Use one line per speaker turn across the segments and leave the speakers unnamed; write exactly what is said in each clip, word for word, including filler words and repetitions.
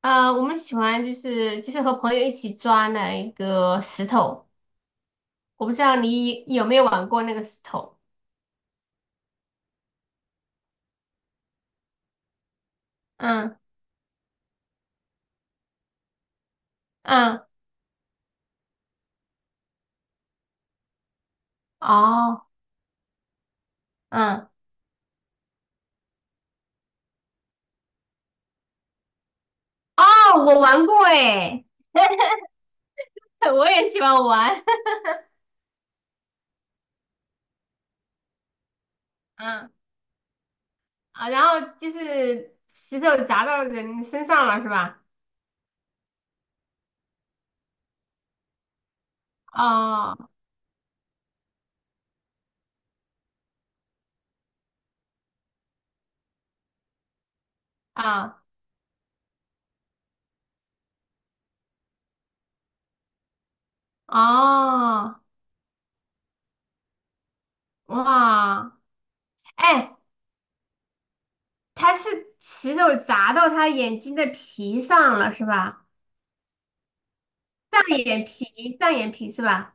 啊，我们喜欢就是就是和朋友一起抓那一个石头，我不知道你有没有玩过那个石头。嗯嗯，哦，嗯哦，我玩过诶，我也喜欢玩。嗯啊，然后就是石头砸到人身上了是吧？哦啊哦哇，哎，他是石头砸到他眼睛的皮上了是吧？上眼皮，上眼皮是吧？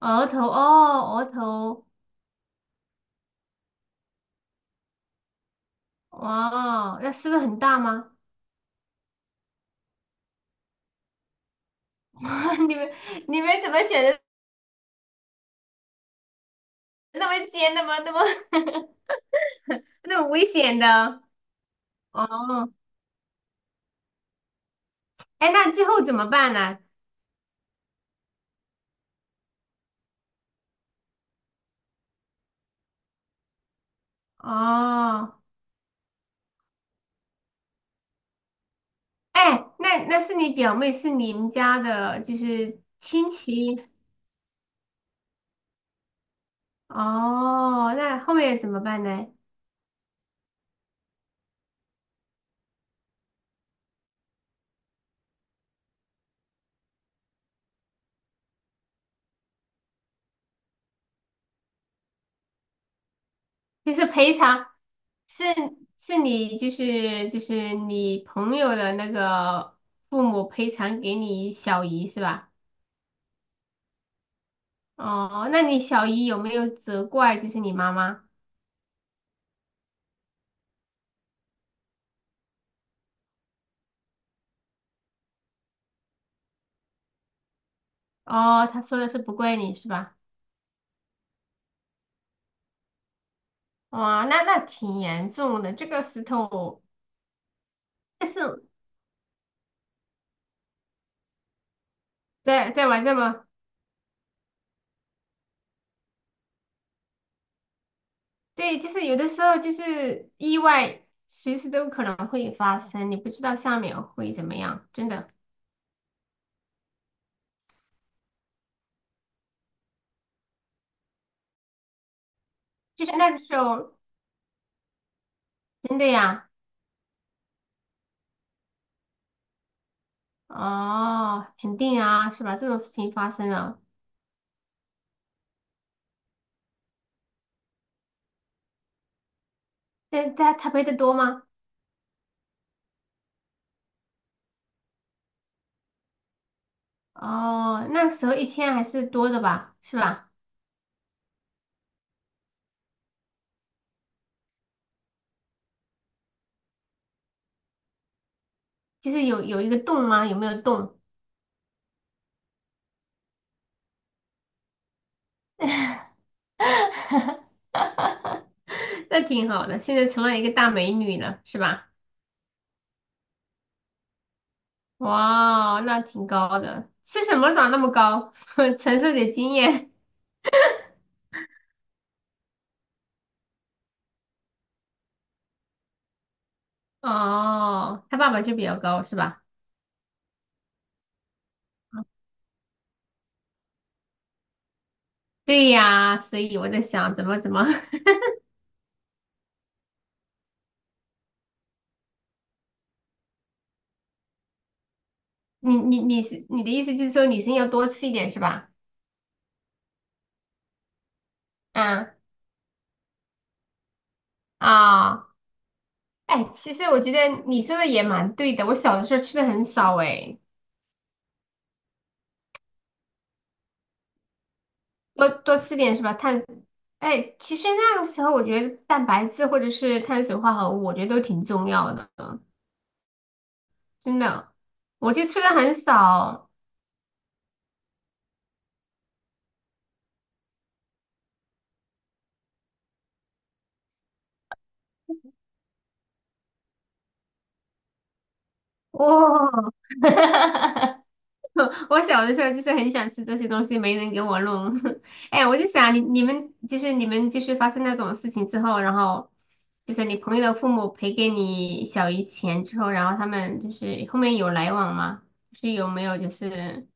额头哦，额头哇，那是个很大吗？哇你们你们怎么选的那么尖的吗？那么 那么危险的哦？哎，那最后怎么办呢？哦，哎，那那是你表妹，是你们家的，就是亲戚哦。那后面怎么办呢？就是赔偿，是是你就是就是你朋友的那个父母赔偿给你小姨是吧？哦，那你小姨有没有责怪就是你妈妈？哦，她说的是不怪你是吧？哇，那那挺严重的，这个石头，但是在在玩这么，对，就是有的时候就是意外，随时都可能会发生，你不知道下面会怎么样，真的，就是那个时候，真的呀，哦，肯定啊，是吧？这种事情发生了，但他他赔的多吗？哦，那时候一千还是多的吧，是吧？就是有有一个洞吗？有没有洞？那挺好的，现在成了一个大美女了，是吧？哇，那挺高的，吃什么长那么高？承受点经验哦。他爸爸就比较高，是吧？对呀，所以我在想怎么怎么，你你你是你的意思就是说女生要多吃一点是吧？嗯啊，哎，其实我觉得你说的也蛮对的，我小的时候吃的很少哎，多多吃点是吧？碳，哎，其实那个时候我觉得蛋白质或者是碳水化合物，我觉得都挺重要的，真的，我就吃的很少，哦，我小的时候就是很想吃这些东西，没人给我弄，哎，我就想你你们就是你们就是发生那种事情之后，然后就是你朋友的父母赔给你小姨钱之后，然后他们就是后面有来往吗？就是有没有就是。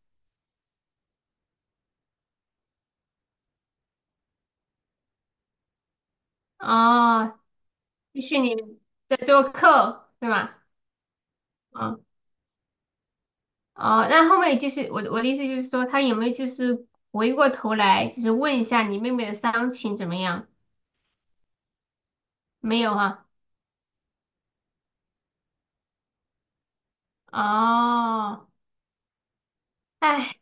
哦，继续你在做客，对吧？啊、哦，那后面就是我的我的意思就是说，他有没有就是回过头来，就是问一下你妹妹的伤情怎么样？没有啊？哦，哎，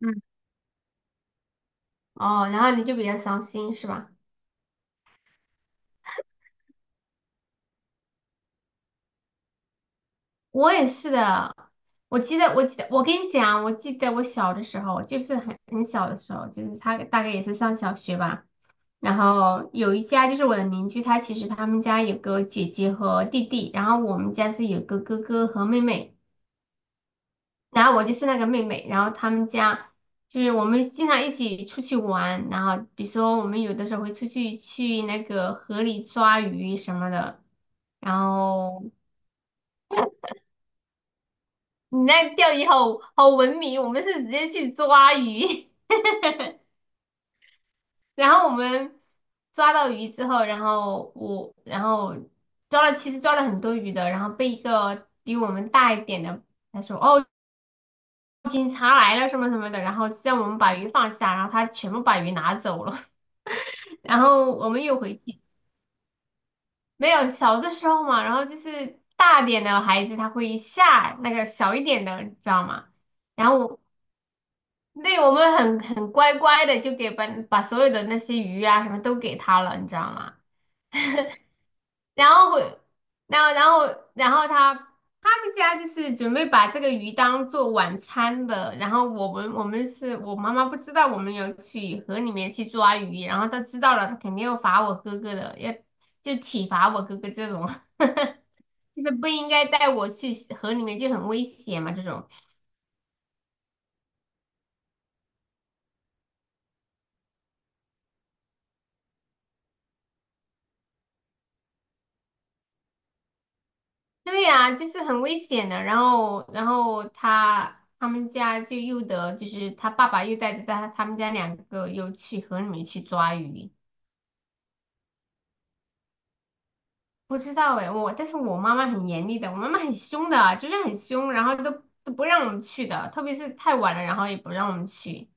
嗯，哦，然后你就比较伤心是吧？我也是的，我记得，我记得，我跟你讲，我记得我小的时候，就是很很小的时候，就是他大概也是上小学吧。然后有一家就是我的邻居，他其实他们家有个姐姐和弟弟，然后我们家是有个哥哥和妹妹，然后我就是那个妹妹，然后他们家就是我们经常一起出去玩，然后比如说我们有的时候会出去去那个河里抓鱼什么的，然后。你那钓鱼好好文明，我们是直接去抓鱼，然后我们抓到鱼之后，然后我然后抓了，其实抓了很多鱼的，然后被一个比我们大一点的他说哦警察来了什么什么的，然后叫我们把鱼放下，然后他全部把鱼拿走了，然后我们又回去，没有小的时候嘛，然后就是大点的孩子他会吓那个小一点的，你知道吗？然后我对，我们很很乖乖的就给把把所有的那些鱼啊什么都给他了，你知道吗？然后会，然后然后然后他他们家就是准备把这个鱼当做晚餐的，然后我们我们是我妈妈不知道我们有去河里面去抓鱼，然后她知道了，她肯定要罚我哥哥的，要就体罚我哥哥这种，就是不应该带我去河里面就很危险嘛这种。对呀，就是很危险的。然后，然后他他们家就又得，就是他爸爸又带着他他们家两个又去河里面去抓鱼。不知道哎，我但是我妈妈很严厉的，我妈妈很凶的啊，就是很凶，然后都都不让我们去的，特别是太晚了，然后也不让我们去。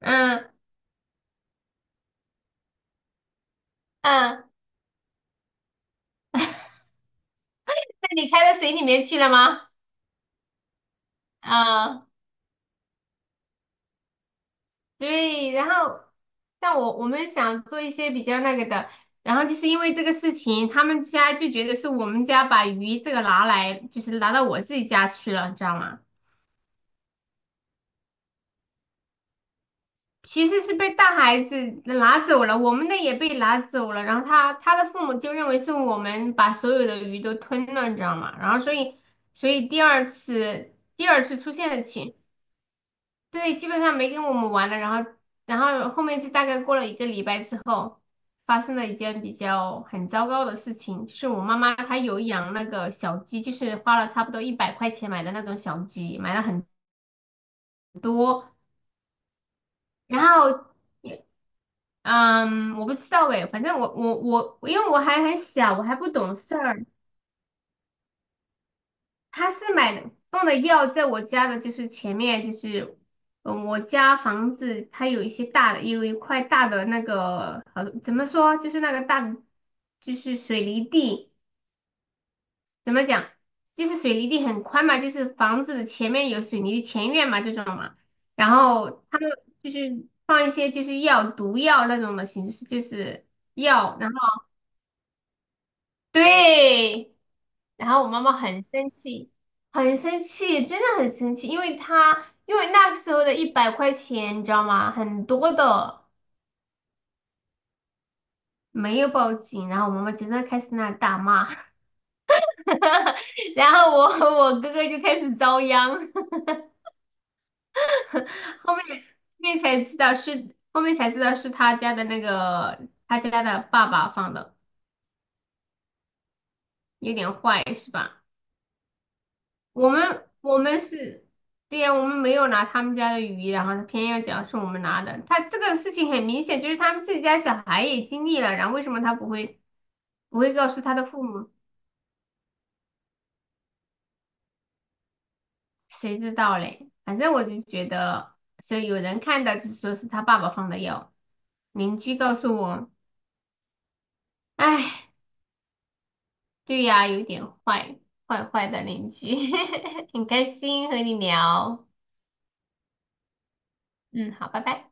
嗯嗯，那你开到水里面去了吗？嗯。对，然后像我我们想做一些比较那个的，然后就是因为这个事情，他们家就觉得是我们家把鱼这个拿来，就是拿到我自己家去了，你知道吗？其实是被大孩子拿走了，我们的也被拿走了，然后他他的父母就认为是我们把所有的鱼都吞了，你知道吗？然后所以所以第二次第二次出现的情。对，基本上没跟我们玩了，然后，然后后面是大概过了一个礼拜之后，发生了一件比较很糟糕的事情，就是我妈妈她有养那个小鸡，就是花了差不多一百块钱买的那种小鸡，买了很多，然后，嗯，我不知道诶，反正我我我，因为我还很小，我还不懂事儿，他是买的放的药在我家的，就是前面就是，嗯，我家房子它有一些大的，有一块大的那个，呃，怎么说，就是那个大的，就是水泥地，怎么讲，就是水泥地很宽嘛，就是房子的前面有水泥的前院嘛，这种嘛，然后他们就是放一些就是药毒药那种的形式，就是药，然后对。然后我妈妈很生气，很生气，真的很生气，因为她因为那个时候的一百块钱，你知道吗？很多的没有报警，然后我妈妈就在开始那大骂，然后我和我哥哥就开始遭殃，后面后面才知道是后面才知道是他家的那个他家的爸爸放的，有点坏是吧？我们我们是，对呀，我们没有拿他们家的鱼，然后他偏要讲是我们拿的。他这个事情很明显，就是他们自己家小孩也经历了，然后为什么他不会不会告诉他的父母？谁知道嘞？反正我就觉得，所以有人看到就说是他爸爸放的药，邻居告诉我，哎，对呀，有点坏，坏坏的邻居，很开心和你聊，嗯，好，拜拜。